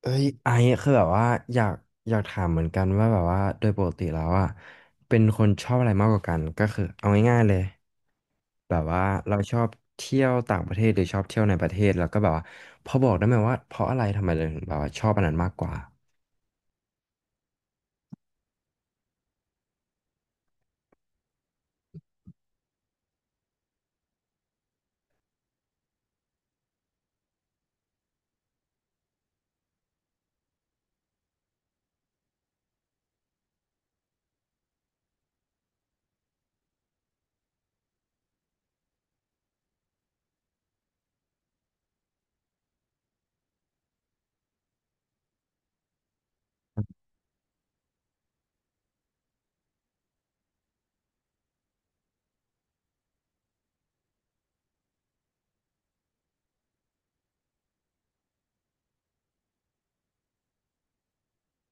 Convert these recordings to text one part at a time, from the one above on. เอ้ยไอซ์คือแบบว่าอยากอยากถามเหมือนกันว่าแบบว่าโดยปกติแล้วอ่ะเป็นคนชอบอะไรมากกว่ากันก็คือเอาง่ายๆเลยแบบว่าเราชอบเที่ยวต่างประเทศหรือชอบเที่ยวในประเทศแล้วก็แบบว่าพอบอกได้ไหมว่าเพราะอะไรทำไมเราถึงแบบว่าชอบอันนั้นมากกว่า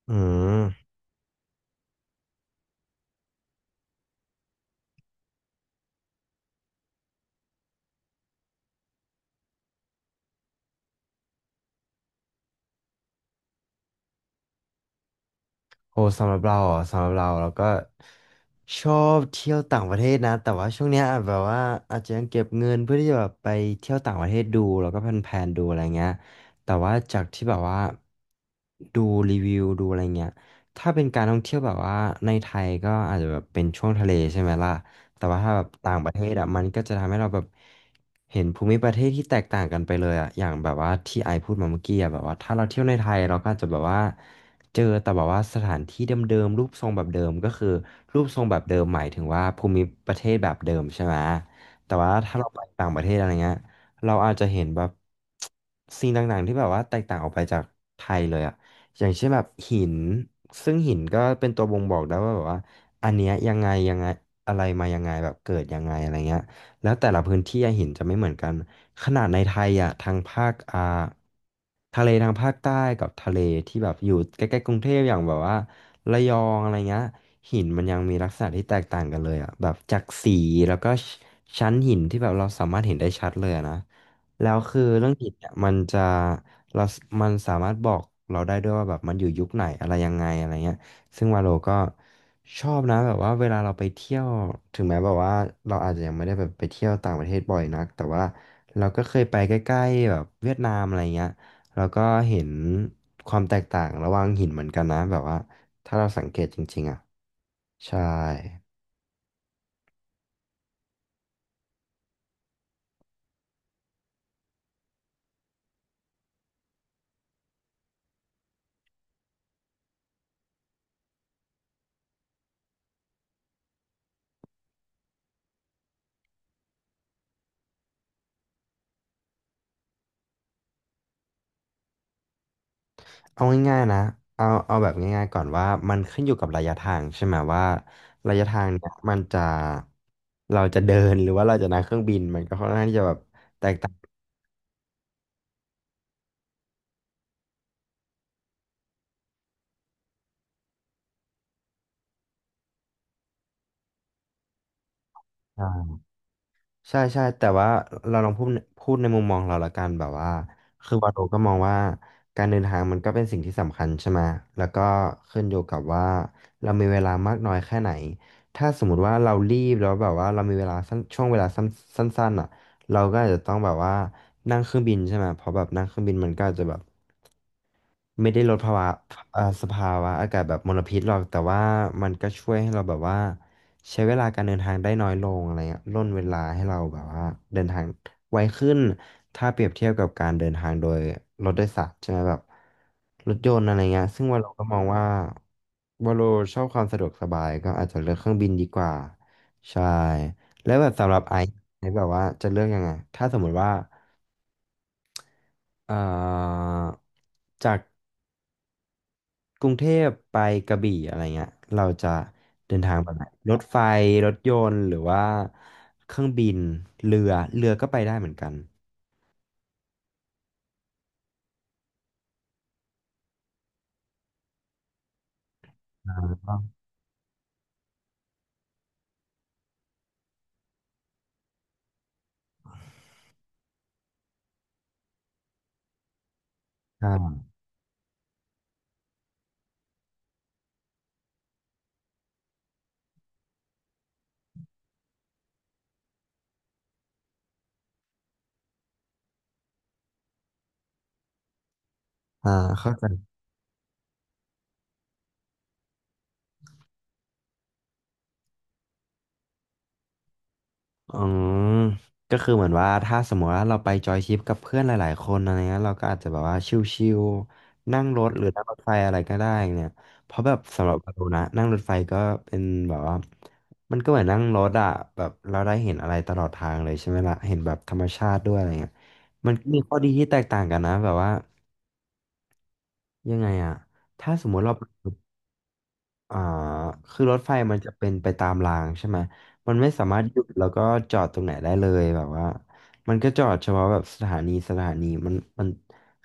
อืม โอ้สำหรับเราอ่ะสำหรับเราเราก็ชอบเที่ยวต่างประเทศนะแต่ว่าช่วงเนี้ยอาจแบบว่าอาจจะยังเก็บเงินเพื่อที่จะแบบไปเที่ยวต่างประเทศดูแล้วก็แพลนๆดูอะไรเงี้ยแต่ว่าจากที่แบบว่าดูรีวิวดูอะไรเงี้ยถ้าเป็นการท่องเที่ยวแบบว่าในไทยก็อาจจะแบบเป็นช่วงทะเลใช่ไหมล่ะแต่ว่าถ้าแบบต่างประเทศอ่ะมันก็จะทำให้เราแบบเห็นภูมิประเทศที่แตกต่างกันไปเลยอ่ะอย่างแบบว่าที่ไอพูดมาเมื่อกี้อ่ะแบบว่าถ้าเราเที่ยวในไทยเราก็อาจจะแบบว่า เจอแต่แบบว่าสถานที่เดิมๆรูปทรงแบบเดิมก็คือรูปทรงแบบเดิมหมายถึงว่าภูมิประเทศแบบเดิมใช่ไหมแต่ว่าถ้าเราไปต่างประเทศอะไรเงี้ยเราอาจจะเห็นแบบสิ่งต่างๆที่แบบว่าแตกต่างออกไปจากไทยเลยอะอย่างเช่นแบบหินซึ่งหินก็เป็นตัวบ่งบอกได้ว่าแบบว่าอันเนี้ยยังไงยังไงอะไรมายังไงแบบเกิดยังไงอะไรเงี้ยแล้วแต่ละพื้นที่อะหินจะไม่เหมือนกัน ขนาดในไทยอ่ะทางภาคทะเลทางภาคใต้กับทะเลที่แบบอยู่ใกล้ๆกรุงเทพอย่างแบบว่าระยองอะไรเงี้ยหินมันยังมีลักษณะที่แตกต่างกันเลยอ่ะแบบจากสีแล้วก็ชั้นหินที่แบบเราสามารถเห็นได้ชัดเลยอะนะแล้วคือเรื่องหินเนี่ยมันจะเรามันสามารถบอกเราได้ด้วยว่าแบบมันอยู่ยุคไหนอะไรยังไงอะไรเงี้ยซึ่งวาโลก็ชอบนะแบบว่าเวลาเราไปเที่ยวถึงแม้แบบว่าเราอาจจะยังไม่ได้แบบไปเที่ยวต่างประเทศบ่อยนักแต่ว่า เราก็เคยไปใกล้ๆแบบเวียดนามอะไรเงี้ยเราก็เห็นความแตกต่างระหว่างหินเหมือนกันนะแบบว่าถ้าเราสังเกตจริงๆอ่ะใช่เอาง่ายๆนะเอาแบบง่ายๆก่อนว่ามันขึ้นอยู่กับระยะทางใช่ไหมว่าระยะทางเนี่ยมันจะเราจะเดินหรือว่าเราจะนั่งเครื่องบินมันก็ค่อนข้างที่จะแบบแตกต่าง ใช่ใช่แต่ว่าเราลองพูดในมุมมองเราละกันแบบว่าคือวาโรก็มองว่าการเดินทางมันก็เป็นสิ่งที่สำคัญใช่ไหมแล้วก็ขึ้นอยู่กับว่าเรามีเวลามากน้อยแค่ไหนถ้าสมมติว่าเรารีบแล้วแบบว่าเรามีเวลาสั้นช่วงเวลาสั้นสั้นๆอ่ะเราก็อาจจะต้องแบบว่านั่งเครื่องบินใช่ไหมเพราะแบบนั่งเครื่องบินมันก็อาจจะแบบ ไม่ได้ลดภาวะสภาวะอากาศแบบมลพิษหรอกแต่ว่ามันก็ช่วยให้เราแบบว่าใช้เวลาการเดินทางได้น้อยลงอะไรเงี้ยร่นเวลาให้เราแบบว่าเดินทางไวขึ้นถ้าเปรียบเทียบกับการเดินทางโดยรถโดยสารใช่ไหมแบบรถยนต์อะไรเงี้ยซึ่งว่าเราก็มองว่าเราชอบความสะดวกสบายก็อาจจะเลือกเครื่องบินดีกว่าใช่แล้วแบบสำหรับไอซ์ไอซ์แบบว่าจะเลือกยังไงถ้าสมมุติว่าเอ่อจาก กรุงเทพไปกระบี่อะไรเงี้ยเราจะเดินทางแบบไหนรถไฟรถยนต์หรือว่าเครื่องบินเรือเรือก็ไปได้เหมือนกันอ่าก็อ่าอ่าเข้าใจ อืมก็คือเหมือนว่าถ้าสมมติว่าเราไปจอยทริปกับเพื่อนหลายๆคนอะไรเงี้ยเราก็อาจจะแบบว่าชิลๆนั่งรถหรือนั่งรถไฟอะไรก็ได้เนี่ยเพราะแบบสำหรับเรานะนั่งรถไฟก็เป็นแบบว่ามันก็เหมือนนั่งรถอะแบบเราได้เห็นอะไรตลอดทางเลยใช่ไหมล่ะเห็นแบบธรรมชาติด้วยอะไรเงี้ยมันก็มีข้อดีที่แตกต่างกันนะแบบว่ายังไงอะถ้าสมมติเรา อ่าคือรถไฟมันจะเป็นไปตามรางใช่ไหม มันไม่สามารถหยุดแล้วก็จอดตรงไหนได้เลยแบบว่ามันก็จอดเฉพาะแบบสถานีสถานีมัน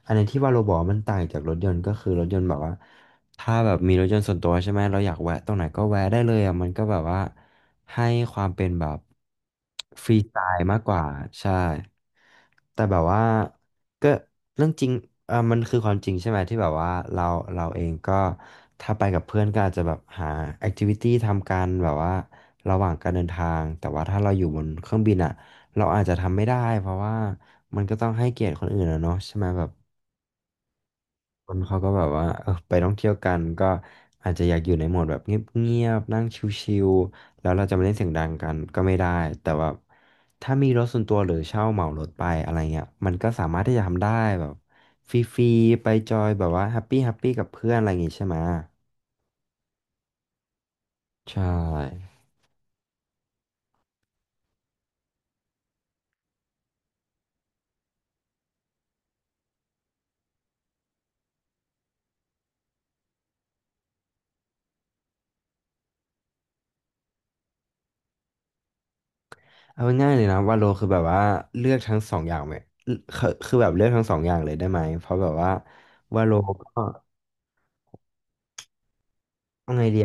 อันนี้ที่ว่าโรบอทมันต่างจากรถยนต์ก็คือรถยนต์แบบว่า ถ้าแบบมีรถยนต์ส่วนตัวใช่ไหมเราอยากแวะตรงไหนก็แวะได้เลยอ่ะมันก็แบบว่าให้ความเป็นแบบฟรีสไตล์มากกว่าใช่แต่แบบว่าก็เรื่องจริงเออมันคือความจริงใช่ไหมที่แบบว่าเราเองก็ถ้าไปกับเพื่อนก็อาจจะแบบหาแอคทิวิตี้ทำกันแบบว่าระหว่างการเดินทางแต่ว่าถ้าเราอยู่บนเครื่องบินอ่ะเราอาจจะทำไม่ได้เพราะว่ามันก็ต้องให้เกียรติคนอื่นอะเนาะใช่ไหมแบบ คนเขาก็แบบว่าเออไปท่องเที่ยวกันก็อาจจะอยากอยู่ในโหมดแบบเงียบๆนั่งชิลๆแล้วเราจะมาเล่นเสียงดังกันก็ไม่ได้แต่ว่าถ้ามีรถส่วนตัวหรือเช่าเหมารถไปอะไรเงี้ยมันก็สามารถที่จะทำได้แบบฟรีๆไปจอยแบบว่าแฮปปี้แฮปปี้กับเพื่อนอะไรอย่างงี้ใช่ไหมใช่เอาง่ายๆเลยนะว่าโลคือแบบว่าเลือกทั้งสองอย่างไหมคือแบบเลือกทั้งสองอย่างเลยได้ไหมเพราะแบบว่าว่าโลก็เอาไงดี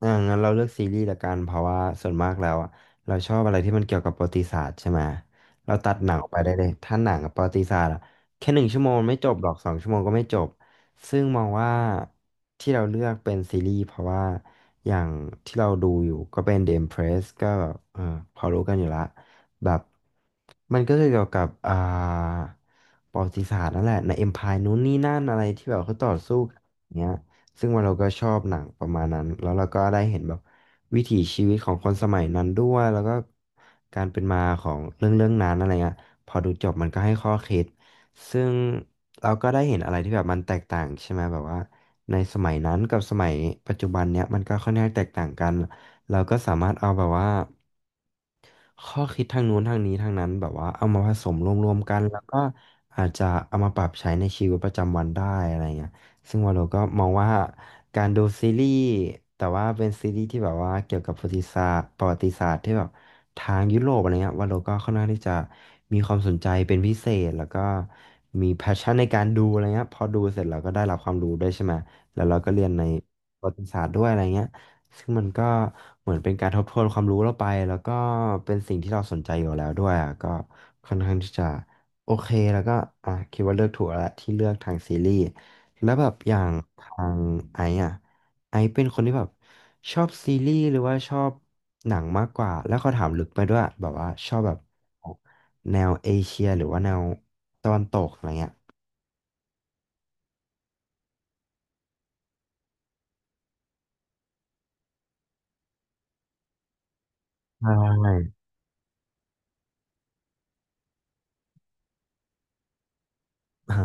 อ่างั้นเราเลือกซีรีส์ละกันเพราะว่าส่วนมากแล้วอ่ะเราชอบอะไรที่มันเกี่ยวกับประวัติศาสตร์ใช่ไหมเราตัดหนังออกไปได้เลยถ้าหนังกับประวัติศาสตร์อ่ะแค่หนึ่งชั่วโมงไม่จบหรอกสองชั่วโมงก็ไม่จบซึ่งมองว่าที่เราเลือกเป็นซีรีส์เพราะว่าอย่างที่เราดูอยู่ก็เป็น The Empress ก็แบบเออพอรู้กันอยู่ละแบบมันก็จะเกี่ยวกับประวัติศาสตร์นั่นแหละใน Empire นู้นนี่นั่นอะไรที่แบบเขาต่อสู้กันอย่างเงี้ย ซึ่งว่าเราก็ชอบหนังประมาณนั้นแล้วเราก็ได้เห็นแบบวิถีชีวิตของคนสมัยนั้นด้วยแล้วก็การเป็นมาของเรื่องนั้นอะไรเงี้ยพอดูจบมันก็ให้ข้อคิดซึ่งเราก็ได้เห็นอะไรที่แบบมันแตกต่างใช่ไหมแบบว่าในสมัยนั้นกับสมัยปัจจุบันเนี้ยมันก็ค่อนข้างแตกต่างกันเราก็สามารถเอาแบบว่า ข้อคิดทางนู้นทางนี้ทางนั้นแบบว่าเอามาผสมรวมๆกันแล้วก็อาจจะเอามาปรับใช้ในชีวิตประจำวันได้อะไรเงี้ยซึ่งวาโลก็มองว่าการดูซีรีส์แต่ว่าเป็นซีรีส์ที่แบบว่าเกี่ยวกับประวัติศาสตร์ประวัติศาสตร์ที่แบบทางยุโรปอะไรเงี้ยวาโลก็ค่อนข้างที่จะมีความสนใจเป็นพิเศษแล้วก็มีแพชชั่นในการดูอะไรเงี้ยพอดูเสร็จเราก็ได้รับความรู้ด้วยใช่ไหมแล้วเราก็เรียนในประวัติศาสตร์ด้วยอะไรเงี้ย ซึ่งมันก็เหมือนเป็นการทบทวนความรู้เราไปแล้วก็เป็นสิ่งที่เราสนใจอยู่แล้วด้วยอ่ะก็ค่อนข้างที่จะโอเคแล้วก็อ่ะคิดว่าเลือกถูกแล้วที่เลือกทางซีรีส์แล้วแบบอย่างทางไอซ์อ่ะไอซ์เป็นคนที่แบบชอบซีรีส์หรือว่าชอบหนังมากกว่าแล้วเขาถามลึกไปด้วยแบบว่าชอบแบบแนวเอเชียหรือว่าแนวตะวันตกอะไรเงี้ยใช่อ่า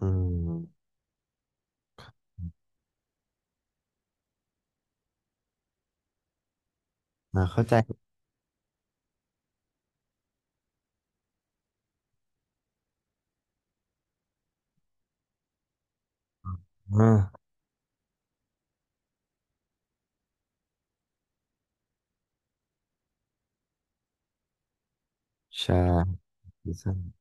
อืมอ่าเข้าใจอ่าใช่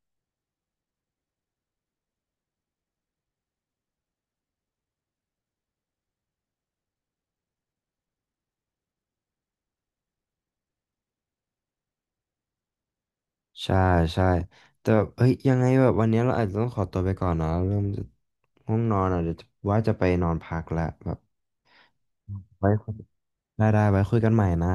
ใช่ใช่แต่แบบเฮ้ยยังไงแบบวันนี้เราอาจจะต้องขอตัวไปก่อนนะเริ่มจะง่วงนอนอ่ะเดี๋ยวจะว่าจะไปนอนพักแล้วแบบไว้คุยได้ได้ไว้คุยกันใหม่นะ